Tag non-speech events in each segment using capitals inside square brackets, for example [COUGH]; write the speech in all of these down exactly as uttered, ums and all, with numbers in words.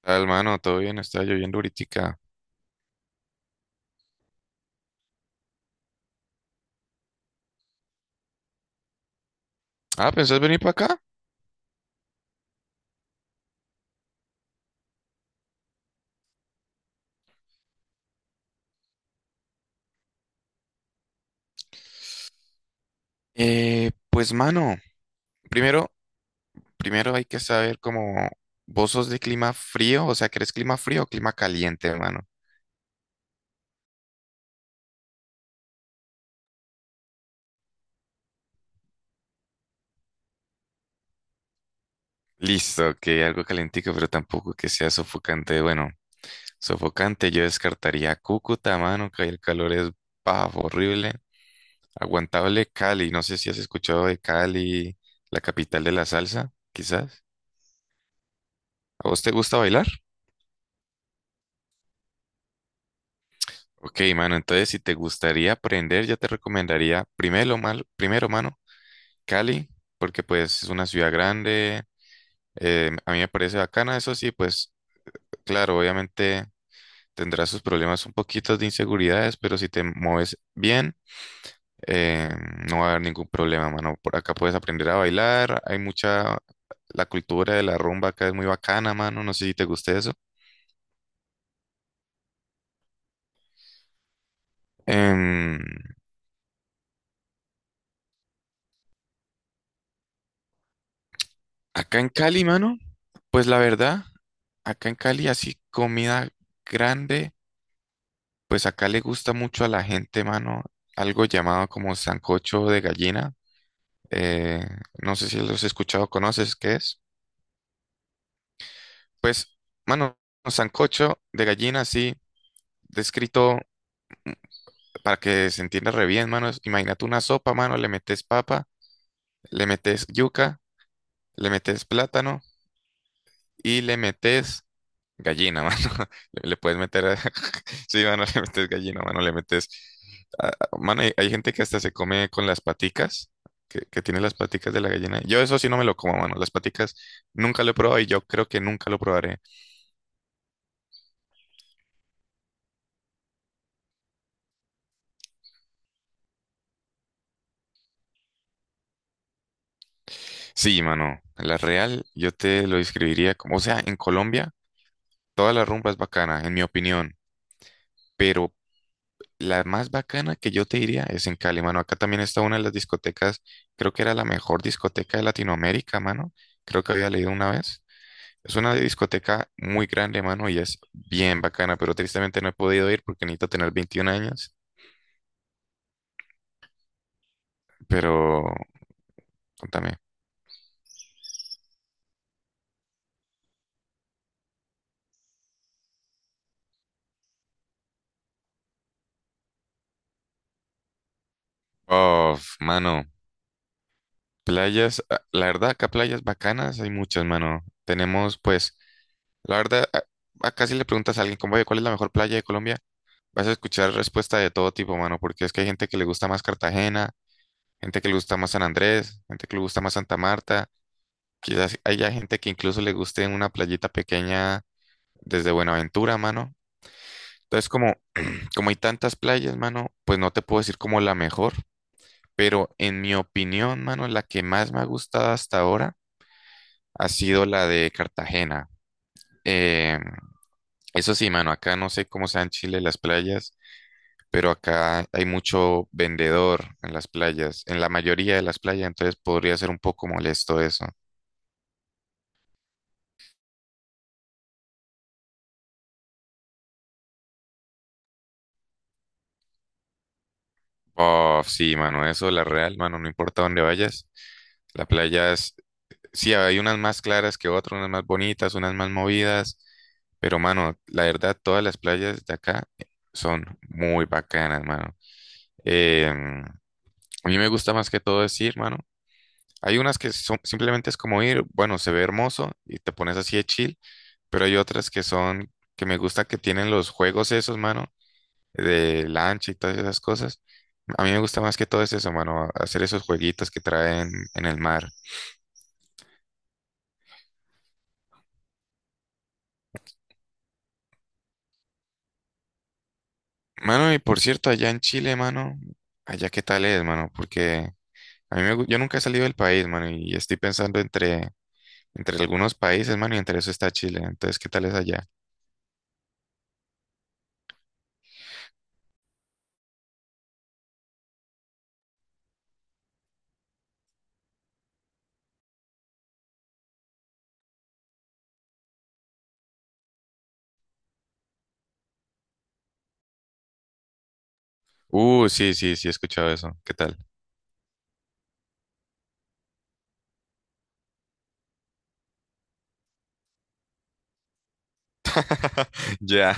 Tal, mano? ¿Todo bien? Está lloviendo ahoritica. Ah, ¿pensás venir para acá? Eh, pues, mano, primero, primero hay que saber cómo vos sos de clima frío, o sea, ¿querés clima frío o clima caliente, mano? Listo, que algo calentico, pero tampoco que sea sofocante. Bueno, sofocante yo descartaría Cúcuta, mano, que ahí el calor es bajo, horrible. Aguantable Cali, no sé si has escuchado de Cali, la capital de la salsa, quizás. ¿A vos te gusta bailar? Ok, mano, entonces si te gustaría aprender, yo te recomendaría primero, mal, primero, mano, Cali, porque pues es una ciudad grande, eh, a mí me parece bacana, eso sí, pues claro, obviamente tendrás sus problemas un poquito de inseguridades, pero si te mueves bien, eh, no va a haber ningún problema, mano. Por acá puedes aprender a bailar, hay mucha, la cultura de la rumba acá es muy bacana, mano, no sé si te gusta eso. Em, acá en Cali, mano. Pues la verdad, acá en Cali así comida grande, pues acá le gusta mucho a la gente, mano, algo llamado como sancocho de gallina. Eh, no sé si los he escuchado, ¿conoces qué es? Pues, mano, sancocho de gallina, así, descrito para que se entienda re bien, mano. es- Imagínate una sopa, mano, le metes papa, le metes yuca, le metes plátano y le metes gallina, mano. [LAUGHS] Le, le puedes meter. a- [LAUGHS] Sí, mano, le metes gallina, mano, le metes. ah, ah, Mano, hay, hay gente que hasta se come con las paticas, que, que tiene las paticas de la gallina. Yo eso sí no me lo como, mano. Las paticas nunca lo he probado y yo creo que nunca lo probaré. Sí, mano. La real, yo te lo describiría como. O sea, en Colombia, toda la rumba es bacana, en mi opinión. Pero la más bacana que yo te diría es en Cali, mano. Acá también está una de las discotecas, creo que era la mejor discoteca de Latinoamérica, mano. Creo que había leído una vez. Es una discoteca muy grande, mano, y es bien bacana, pero tristemente no he podido ir porque necesito tener veintiún años. Pero, contame. Oh, mano, playas, ah, la verdad, acá playas bacanas hay muchas, mano. Tenemos, pues, la verdad, a- acá si le preguntas a alguien, como, "Oye, ¿cuál es la mejor playa de Colombia? Vas a escuchar respuesta de todo tipo, mano, porque es que hay gente que le gusta más Cartagena, gente que le gusta más San Andrés, gente que le gusta más Santa Marta. Quizás haya gente que incluso le guste una playita pequeña desde Buenaventura, mano. Entonces, como, [CLEARS THROAT] como hay tantas playas, mano, pues no te puedo decir como la mejor, pero en mi opinión, mano, la que más me ha gustado hasta ahora ha sido la de Cartagena. Eh, eso sí, mano, acá no sé cómo sean en Chile las playas, pero acá hay mucho vendedor en las playas, en la mayoría de las playas, entonces podría ser un poco molesto eso. Oh, sí, mano, eso, la real, mano, no importa dónde vayas. La playa sí, hay unas más claras que otras, unas más bonitas, unas más movidas, pero mano, la verdad, todas las playas de acá son muy bacanas, mano. Em, a mí me gusta más que todo es ir, mano. Hay unas que son, simplemente es como ir, bueno, se ve hermoso y te pones así de chill, pero hay otras que son, que me gusta que tienen los juegos esos, mano, de lancha y todas esas cosas. A mí me gusta más que todo es eso, mano, hacer esos jueguitos que traen en el mar. Mano, y por cierto, allá en Chile, mano, allá qué tal es, mano, porque a mí me, gu- yo nunca he salido del país, mano, y estoy pensando entre, entre algunos países, mano, y entre eso está Chile. Entonces, ¿qué tal es allá? Uh, sí, sí, sí, he escuchado eso. ¿Qué tal? [LAUGHS] Ya.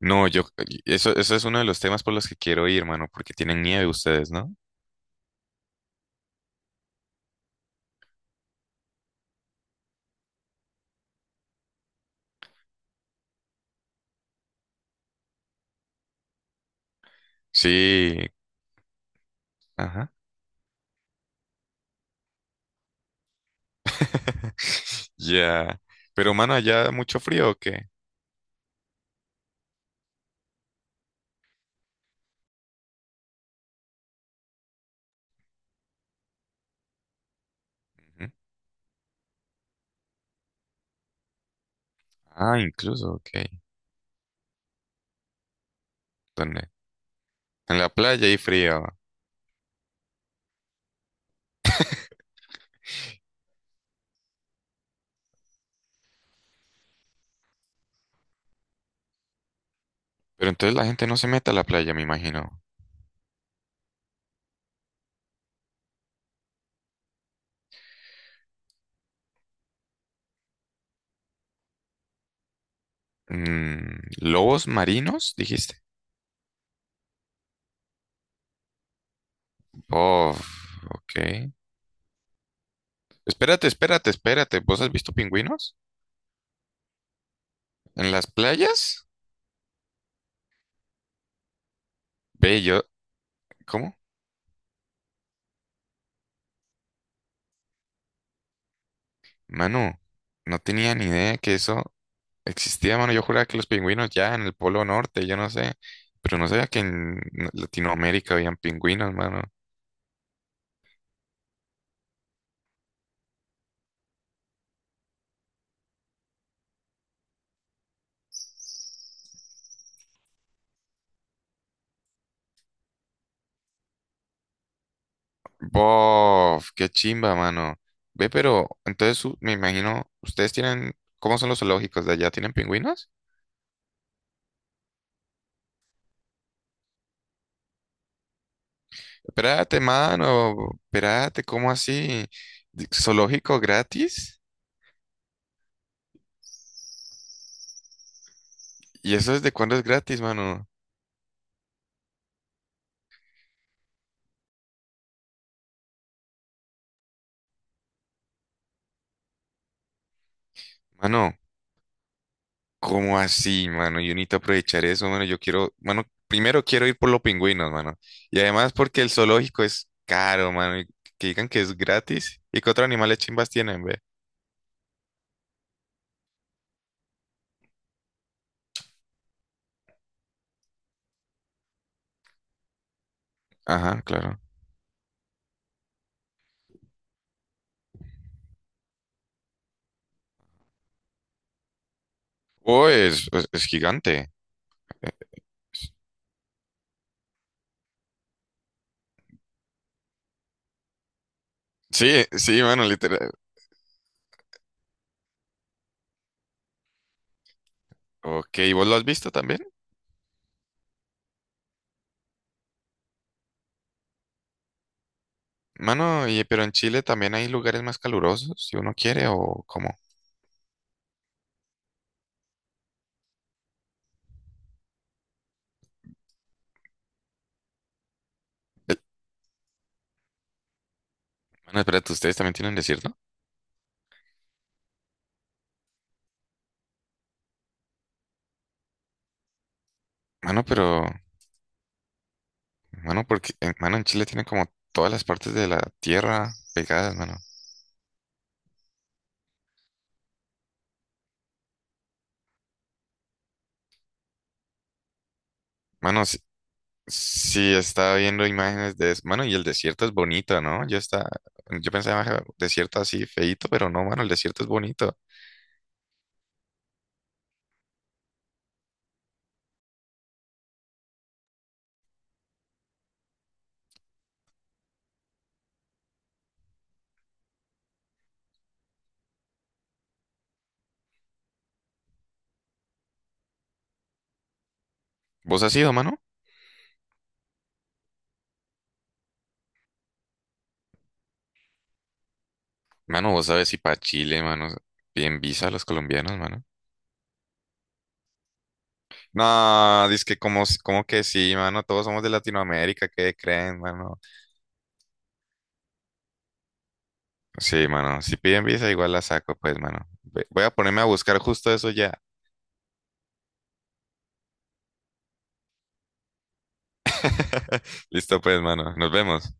No, yo, eso, eso es uno de los temas por los que quiero ir, mano, porque tienen nieve ustedes, ¿no? Sí, ajá. [LAUGHS] Ya. Pero, mano, allá mucho frío, ¿o qué? Ujú. Ah, incluso, ok. ¿Dónde? En la playa hay frío. Pero entonces la gente no se mete a la playa, me imagino. Mm, ¿lobos marinos, dijiste? Oh, ok. Espérate, espérate, espérate. ¿Vos has visto pingüinos? ¿En las playas? Ve, yo... ¿Cómo? Manu, no tenía ni idea que eso existía, mano. Yo juraba que los pingüinos ya en el Polo Norte, yo no sé. Pero no sabía que en Latinoamérica habían pingüinos, mano. Bof, qué chimba, mano. Ve, pero entonces u- me imagino, ustedes tienen, ¿cómo son los zoológicos de allá? ¿Tienen pingüinos? Espérate, mano, espérate, ¿cómo así? ¿Zoológico gratis? ¿Y eso desde cuándo es gratis, mano? Mano, ¿cómo así, mano? Yo necesito aprovechar eso, mano. Yo quiero, mano, primero quiero ir por los pingüinos, mano. Y además porque el zoológico es caro, mano, y que digan que es gratis. ¿Y qué otros animales chimbas tienen, ve? Ajá, claro. Oh, es, es, es gigante. Sí, sí, mano, literal. Ok, ¿y ¿vos lo has visto también? Mano, y, pero en Chile también hay lugares más calurosos, si uno quiere, o cómo. Eh, Mano, espérate, ¿ustedes también tienen desierto? Mano, pero, mano, porque, eh, mano, en Chile tienen como todas las partes de la tierra pegadas, mano. Mano, sí, sí estaba viendo imágenes de eso. Mano, y el desierto es bonito, ¿no? Yo está, yo pensaba "Ah, desierto así feíto, pero no, mano, el desierto es bonito. ¿Vos has ido, mano? Mano, vos sabes si para Chile, mano, bien visa a los colombianos, mano. No, dice que como, si- como que sí, mano, todos somos de Latinoamérica, ¿qué creen, mano? Sí, mano, si piden visa igual la saco, pues, mano. Ve- Voy a ponerme a buscar justo eso ya. [LAUGHS] Listo, pues, mano, nos vemos.